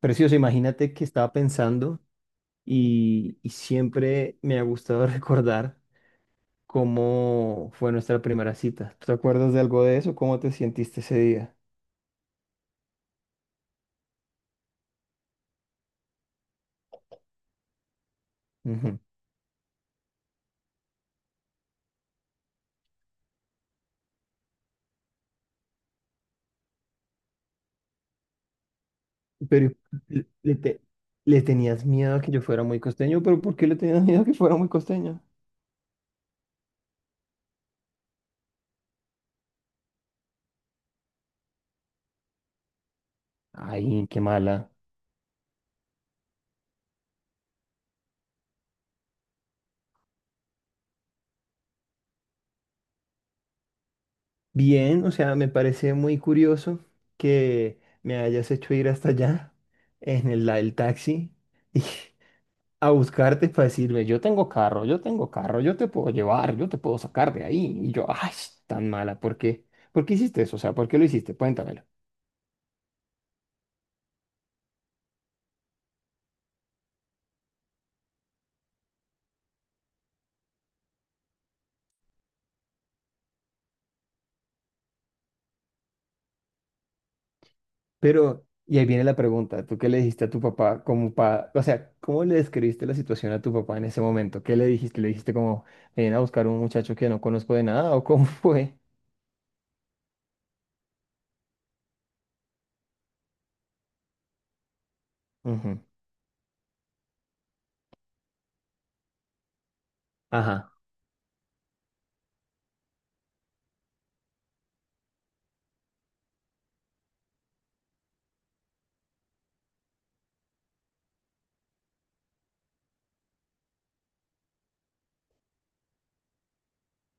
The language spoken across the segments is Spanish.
Precioso, imagínate que estaba pensando y siempre me ha gustado recordar cómo fue nuestra primera cita. ¿Te acuerdas de algo de eso? ¿Cómo te sentiste ese día? Ujú. Pero le, le te- le tenías miedo a que yo fuera muy costeño, pero ¿por qué le tenías miedo a que fuera muy costeño? Ay, qué mala. Bien, o sea, me parece muy curioso que me hayas hecho ir hasta allá en el taxi. A buscarte para decirme, yo tengo carro, yo tengo carro, yo te puedo llevar, yo te puedo sacar de ahí. Y yo, ay, tan mala, ¿por qué? ¿Por qué hiciste eso? O sea, ¿por qué lo hiciste? Cuéntamelo. Pero, y ahí viene la pregunta, ¿tú qué le dijiste a tu papá como pa, o sea, ¿cómo le describiste la situación a tu papá en ese momento? ¿Qué le dijiste? ¿Le dijiste como, ven a buscar un muchacho que no conozco de nada o cómo fue? Ujú. Ajá.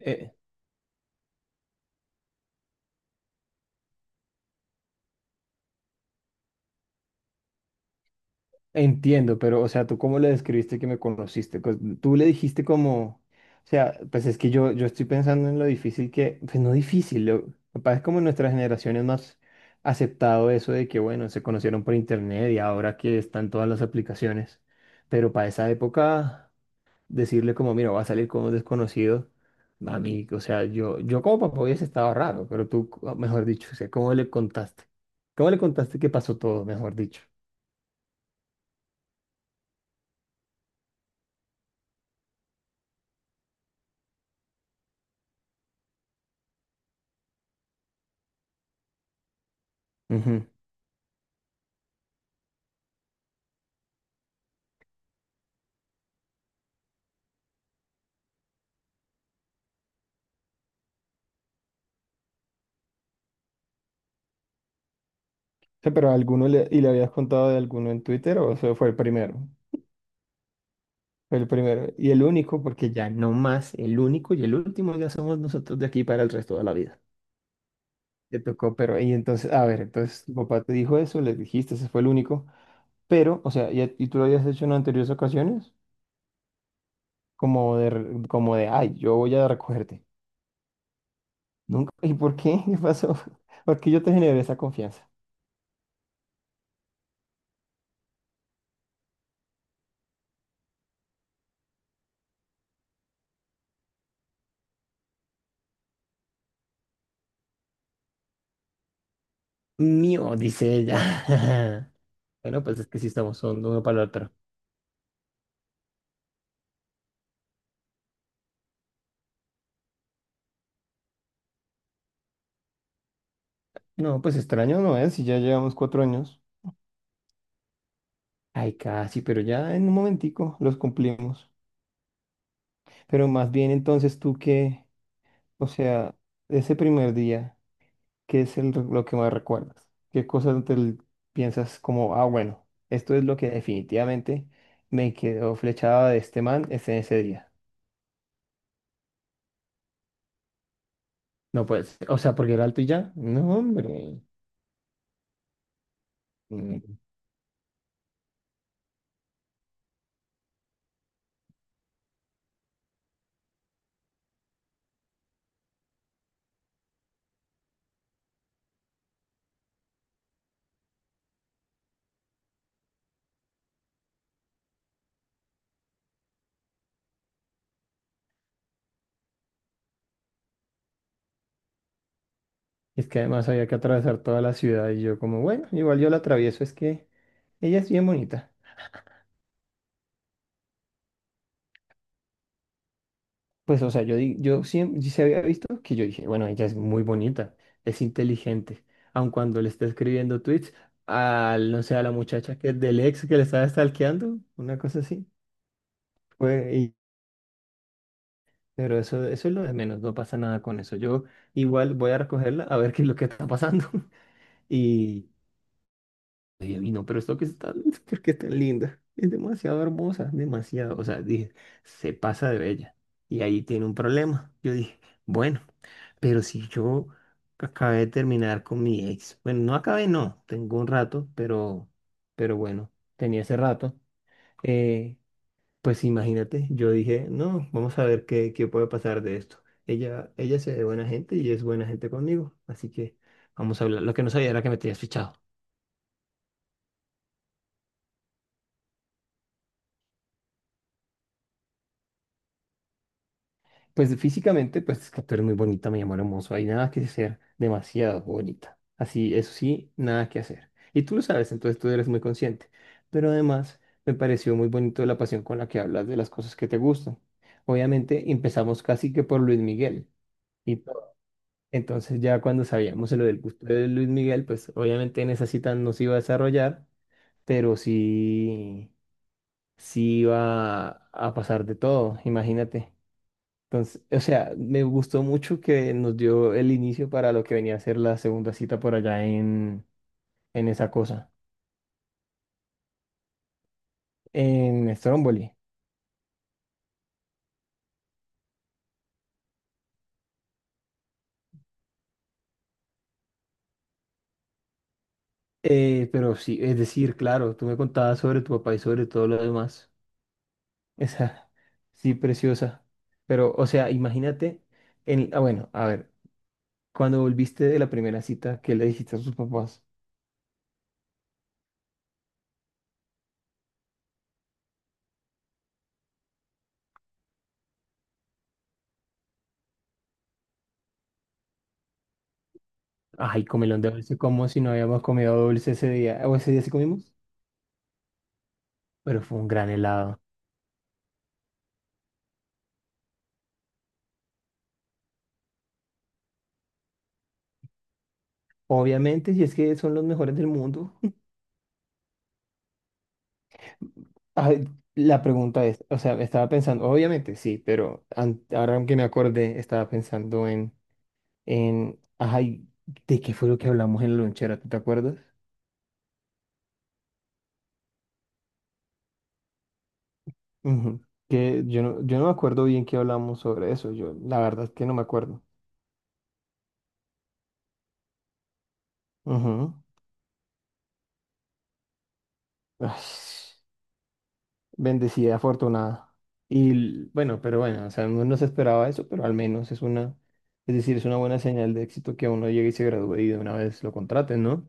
Eh, entiendo, pero, o sea, ¿tú cómo le describiste que me conociste? Pues, tú le dijiste como, o sea, pues es que yo estoy pensando en lo difícil que, pues no difícil, lo, capaz es como nuestra generación es más aceptado eso de que, bueno, se conocieron por internet y ahora que están todas las aplicaciones, pero para esa época, decirle como, mira, va a salir con un desconocido, a mí, o sea, yo como papá hubiese estado raro, pero tú, mejor dicho, o sea, ¿cómo le contaste? ¿Cómo le contaste que pasó todo, mejor dicho? Sea, pero alguno le, y le habías contado de alguno en Twitter o eso fue el primero. Fue el primero y el único, porque ya no más, el único y el último ya somos nosotros de aquí para el resto de la vida. Te tocó, pero y entonces, a ver, entonces tu papá te dijo eso, le dijiste, ese fue el único, pero, o sea, y tú lo habías hecho en anteriores ocasiones, como de, como de, ay, yo voy a recogerte. Nunca, ¿y por qué? ¿Qué pasó? ¿Por qué yo te generé esa confianza? Mío, dice ella. Bueno, pues es que sí estamos son uno para el otro. No, pues extraño no es, si ya llevamos cuatro años. Ay, casi, pero ya en un momentico los cumplimos. Pero más bien entonces tú qué, o sea, ese primer día, ¿qué es lo que más recuerdas? ¿Qué cosas piensas como, ah, bueno, esto es lo que definitivamente me quedó flechada de este man ese, ese día? No, pues, o sea, porque era alto y ya. No, hombre. Mm. Es que además había que atravesar toda la ciudad y yo como, bueno, igual yo la atravieso, es que ella es bien bonita. Pues, o sea, yo, yo siempre se había visto que yo dije, bueno, ella es muy bonita, es inteligente, aun cuando le está escribiendo tweets al, no sé, a la muchacha que del ex que le estaba stalkeando, una cosa así. Fue, y- pero eso, eso es lo de menos, no pasa nada con eso. Yo igual voy a recogerla a ver qué es lo que está pasando. Y. Ella vino, pero esto que es tan, ¿por qué es tan linda? Es demasiado hermosa, demasiado. O sea, dije, se pasa de bella. Y ahí tiene un problema. Yo dije, bueno, pero si yo acabé de terminar con mi ex. Bueno, no acabé, no. Tengo un rato, pero bueno, tenía ese rato. Eh, pues imagínate, yo dije, no, vamos a ver qué, qué puede pasar de esto. Ella se ve buena gente y es buena gente conmigo. Así que vamos a hablar. Lo que no sabía era que me tenías fichado. Pues físicamente, pues es que tú eres muy bonita, me llamó hermoso. Hay nada que hacer, demasiado bonita. Así, eso sí, nada que hacer. Y tú lo sabes, entonces tú eres muy consciente. Pero además, me pareció muy bonito la pasión con la que hablas de las cosas que te gustan. Obviamente, empezamos casi que por Luis Miguel. Y todo. Entonces ya cuando sabíamos lo del gusto de Luis Miguel, pues obviamente en esa cita no se iba a desarrollar, pero sí, sí iba a pasar de todo, imagínate. Entonces, o sea, me gustó mucho que nos dio el inicio para lo que venía a ser la segunda cita por allá en esa cosa, en Stromboli. Pero sí, es decir, claro, tú me contabas sobre tu papá y sobre todo lo demás. Esa, sí, preciosa. Pero, o sea, imagínate, ah, bueno, a ver, cuando volviste de la primera cita, ¿qué le dijiste a tus papás? Ay, comelón de dulce, como si no habíamos comido dulce ese día. ¿O ese día sí comimos? Pero fue un gran helado. Obviamente, si es que son los mejores del mundo. Ah, la pregunta es, o sea, estaba pensando, obviamente sí, pero ahora que me acordé, estaba pensando ay, ¿de qué fue lo que hablamos en la lonchera? ¿Tú te acuerdas? Ujú. Que yo no me acuerdo bien qué hablamos sobre eso, yo la verdad es que no me acuerdo. Ujú. Ay, bendecida, afortunada. Y bueno, pero bueno, o sea, uno no se esperaba eso, pero al menos es una, es decir, es una buena señal de éxito que uno llegue y se gradúe y de una vez lo contraten, ¿no?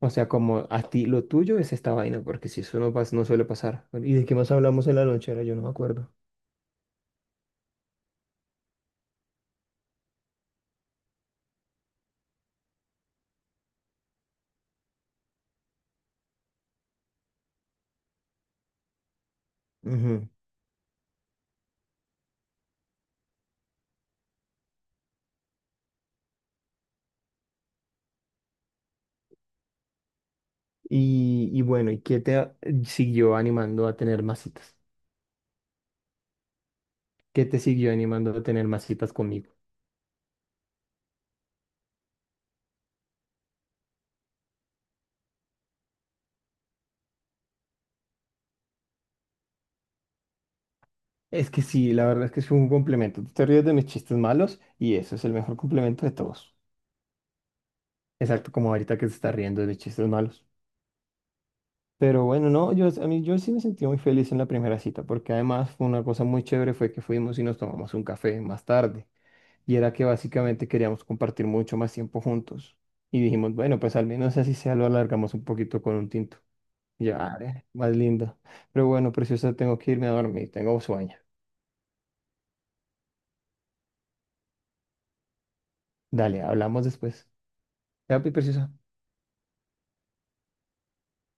O sea, como a ti lo tuyo es esta vaina, porque si eso no pasa, no suele pasar. ¿Y de qué más hablamos en la lonchera? Yo no me acuerdo. Ujú. Y bueno, ¿y qué siguió animando a tener más citas? ¿Qué te siguió animando a tener más citas conmigo? Es que sí, la verdad es que es un complemento. Tú te ríes de mis chistes malos y eso es el mejor complemento de todos. Exacto, como ahorita que se está riendo de mis chistes malos. Pero bueno, no, yo, a mí, yo sí me sentí muy feliz en la primera cita, porque además fue una cosa muy chévere, fue que fuimos y nos tomamos un café más tarde. Y era que básicamente queríamos compartir mucho más tiempo juntos. Y dijimos, bueno, pues al menos así sea, lo alargamos un poquito con un tinto. Y yo, ah, ve, más lindo. Pero bueno, preciosa, tengo que irme a dormir, tengo sueño. Dale, hablamos después. Ya, pi, preciosa.